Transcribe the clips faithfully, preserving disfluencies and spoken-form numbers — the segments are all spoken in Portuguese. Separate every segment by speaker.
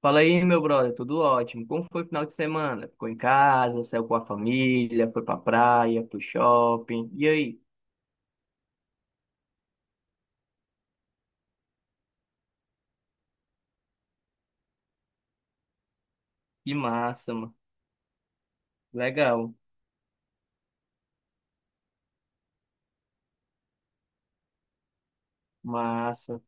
Speaker 1: Fala aí, meu brother, tudo ótimo. Como foi o final de semana? Ficou em casa, saiu com a família, foi pra praia, pro shopping. E aí? Que massa, mano. Legal, massa.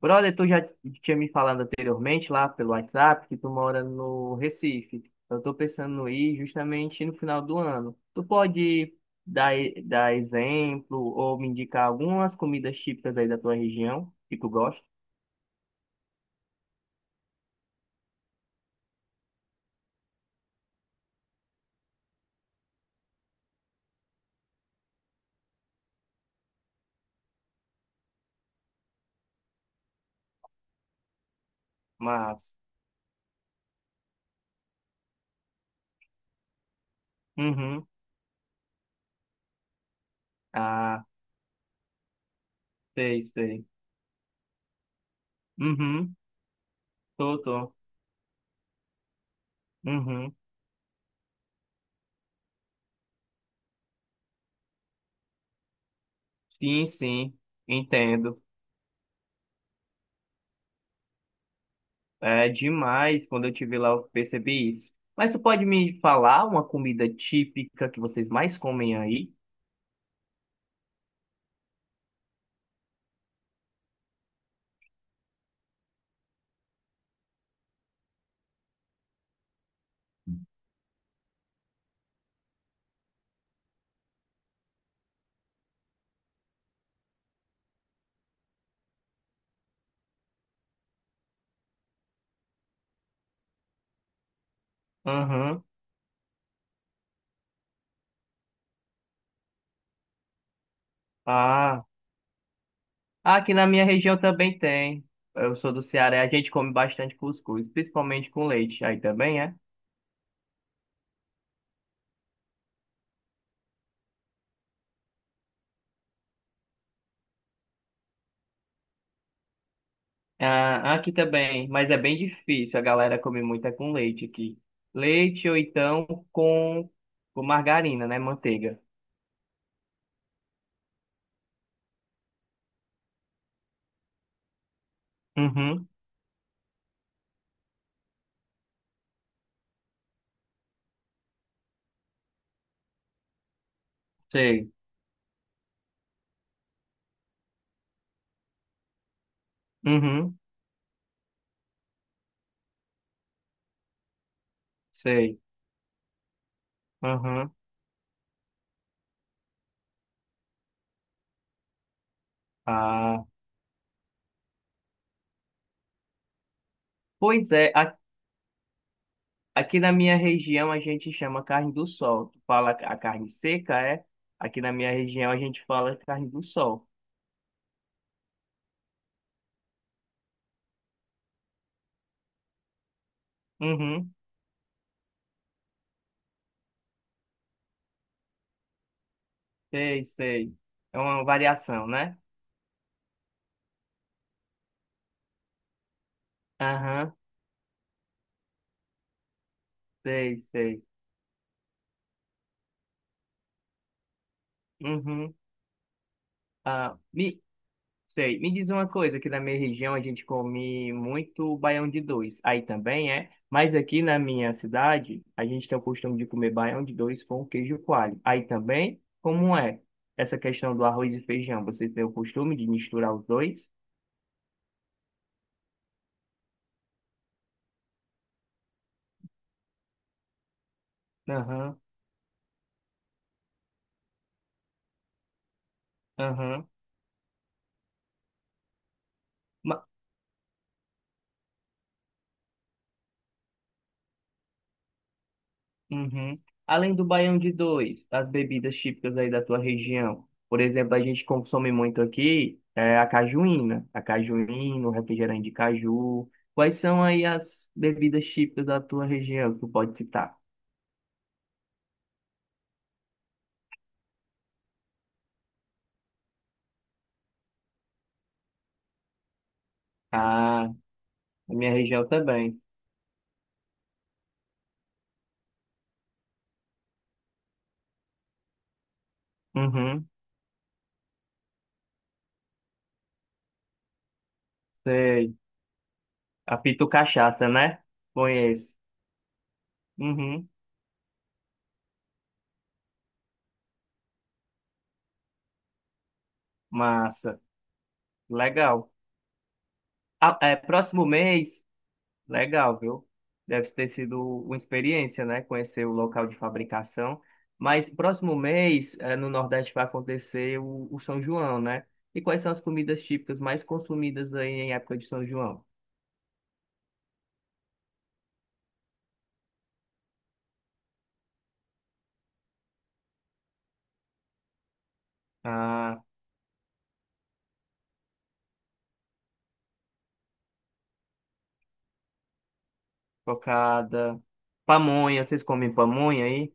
Speaker 1: Brother, tu já tinha me falado anteriormente lá pelo WhatsApp que tu mora no Recife. Eu tô pensando em ir justamente no final do ano. Tu pode dar, dar exemplo ou me indicar algumas comidas típicas aí da tua região que tu gosta? Mas, uhum, ah, sei, sei. Uhum. Tô, tô. Uhum. Sim, sim, entendo. É demais quando eu tive lá, eu percebi isso. Mas tu pode me falar uma comida típica que vocês mais comem aí? Uhum. Ah, aqui na minha região também tem. Eu sou do Ceará, a gente come bastante cuscuz, principalmente com leite. Aí também é? Ah, aqui também, mas é bem difícil. A galera come muito é com leite aqui. Leite ou então com, com margarina, né? Manteiga. Uhum, sei. Uhum. Sei. Aham. Ah, pois é, a- aqui na minha região a gente chama carne do sol. Tu fala a carne seca, é? Aqui na minha região a gente fala carne do sol. Uhum. Sei, sei. É uma variação, né? Aham. Sei, sei. Uhum. Ah, me, Sei. Me diz uma coisa, aqui na minha região a gente come muito baião de dois. Aí também é, mas aqui na minha cidade a gente tem o costume de comer baião de dois com queijo coalho. Aí também, como é essa questão do arroz e feijão? Você tem o costume de misturar os dois? Aham, aham. Uhum. Além do baião de dois, as bebidas típicas aí da tua região. Por exemplo, a gente consome muito aqui é, a cajuína, a cajuína, o refrigerante de caju. Quais são aí as bebidas típicas da tua região que tu pode citar? Ah, a minha região também. Uhum, sei. A Pitu Cachaça, né? Conheço. Uhum, massa. Legal. Ah, é, próximo mês Legal, viu? Deve ter sido uma experiência, né? Conhecer o local de fabricação. Mas próximo mês, eh, no Nordeste, vai acontecer o, o São João, né? E quais são as comidas típicas mais consumidas aí em época de São João? Ah, cocada, pamonha, vocês comem pamonha aí?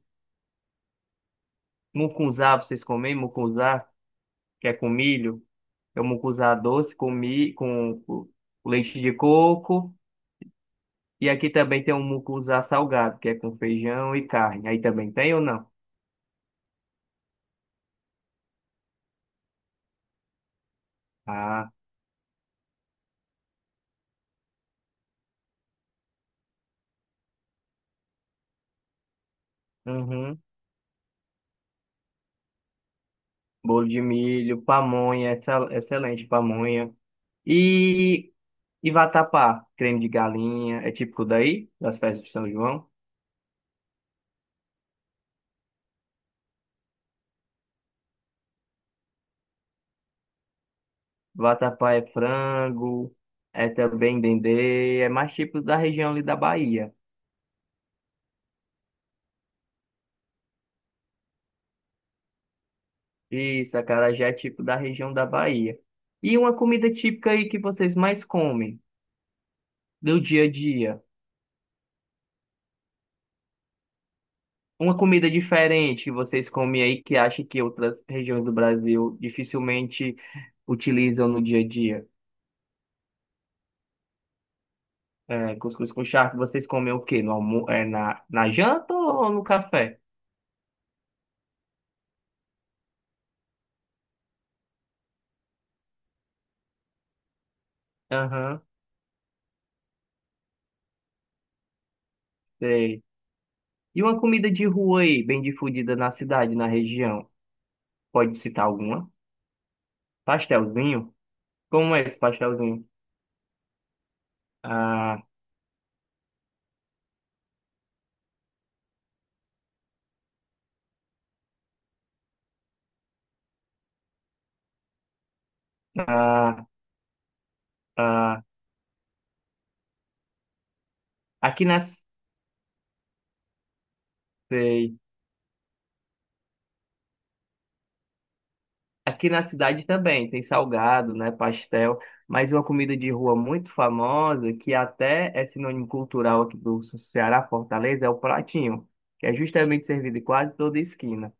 Speaker 1: Mucunzá, vocês comem mucunzá, que é com milho? É o mucunzá doce com, mi, com, com leite de coco. E aqui também tem um mucunzá salgado, que é com feijão e carne. Aí também tem ou não? Ah, uhum. Bolo de milho, pamonha, excel- excelente pamonha. E, e vatapá, creme de galinha, é típico daí, das festas de São João. Vatapá é frango, é também dendê, é mais típico da região ali da Bahia. Isso, acarajé é típico da região da Bahia. E uma comida típica aí que vocês mais comem, do dia a dia? Uma comida diferente que vocês comem aí que acha que outras regiões do Brasil dificilmente utilizam no dia a dia? É, cuscuz com charque, vocês comem o quê? No almo é, na, na janta ou no café? Aham, sei. E uma comida de rua aí, bem difundida na cidade, na região? Pode citar alguma? Pastelzinho? Como é esse pastelzinho? Ah, ah, ah. Aqui nas... Sei. Aqui na cidade também tem salgado, né, pastel, mas uma comida de rua muito famosa, que até é sinônimo cultural aqui do Ceará, Fortaleza, é o pratinho, que é justamente servido em quase toda esquina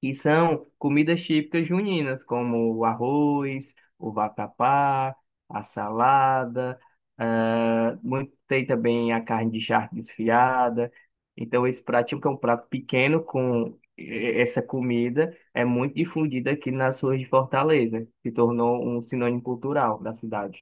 Speaker 1: que são comidas típicas juninas, como o arroz, o vatapá, a salada, ah, muito- tem também a carne de charque desfiada. Então, esse prato, típico é um prato pequeno com eh, essa comida, é muito difundida aqui nas ruas de Fortaleza, se tornou um sinônimo cultural da cidade.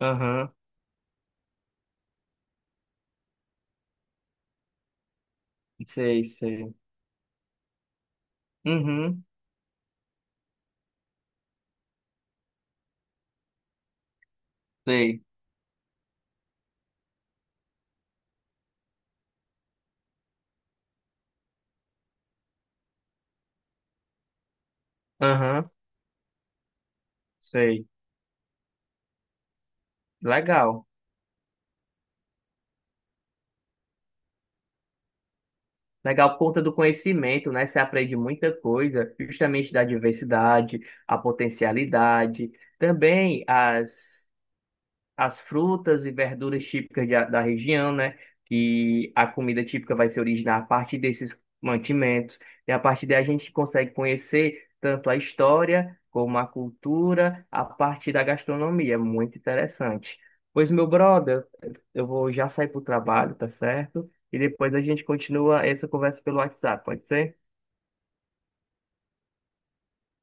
Speaker 1: Aham, sei, sei. Uhum, sei. Aham, sei. Legal. Legal por conta do conhecimento, né? Você aprende muita coisa, justamente da diversidade, a potencialidade, também as as frutas e verduras típicas de- da região, né? Que a comida típica vai se originar a partir desses mantimentos. E a partir daí a gente consegue conhecer tanto a história como a cultura a partir da gastronomia. É muito interessante. Pois, meu brother, eu vou já sair para o trabalho, tá certo? E depois a gente continua essa conversa pelo WhatsApp, pode ser?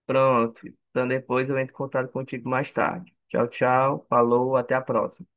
Speaker 1: Pronto. Então depois eu entro em contato contigo mais tarde. Tchau, tchau. Falou, até a próxima.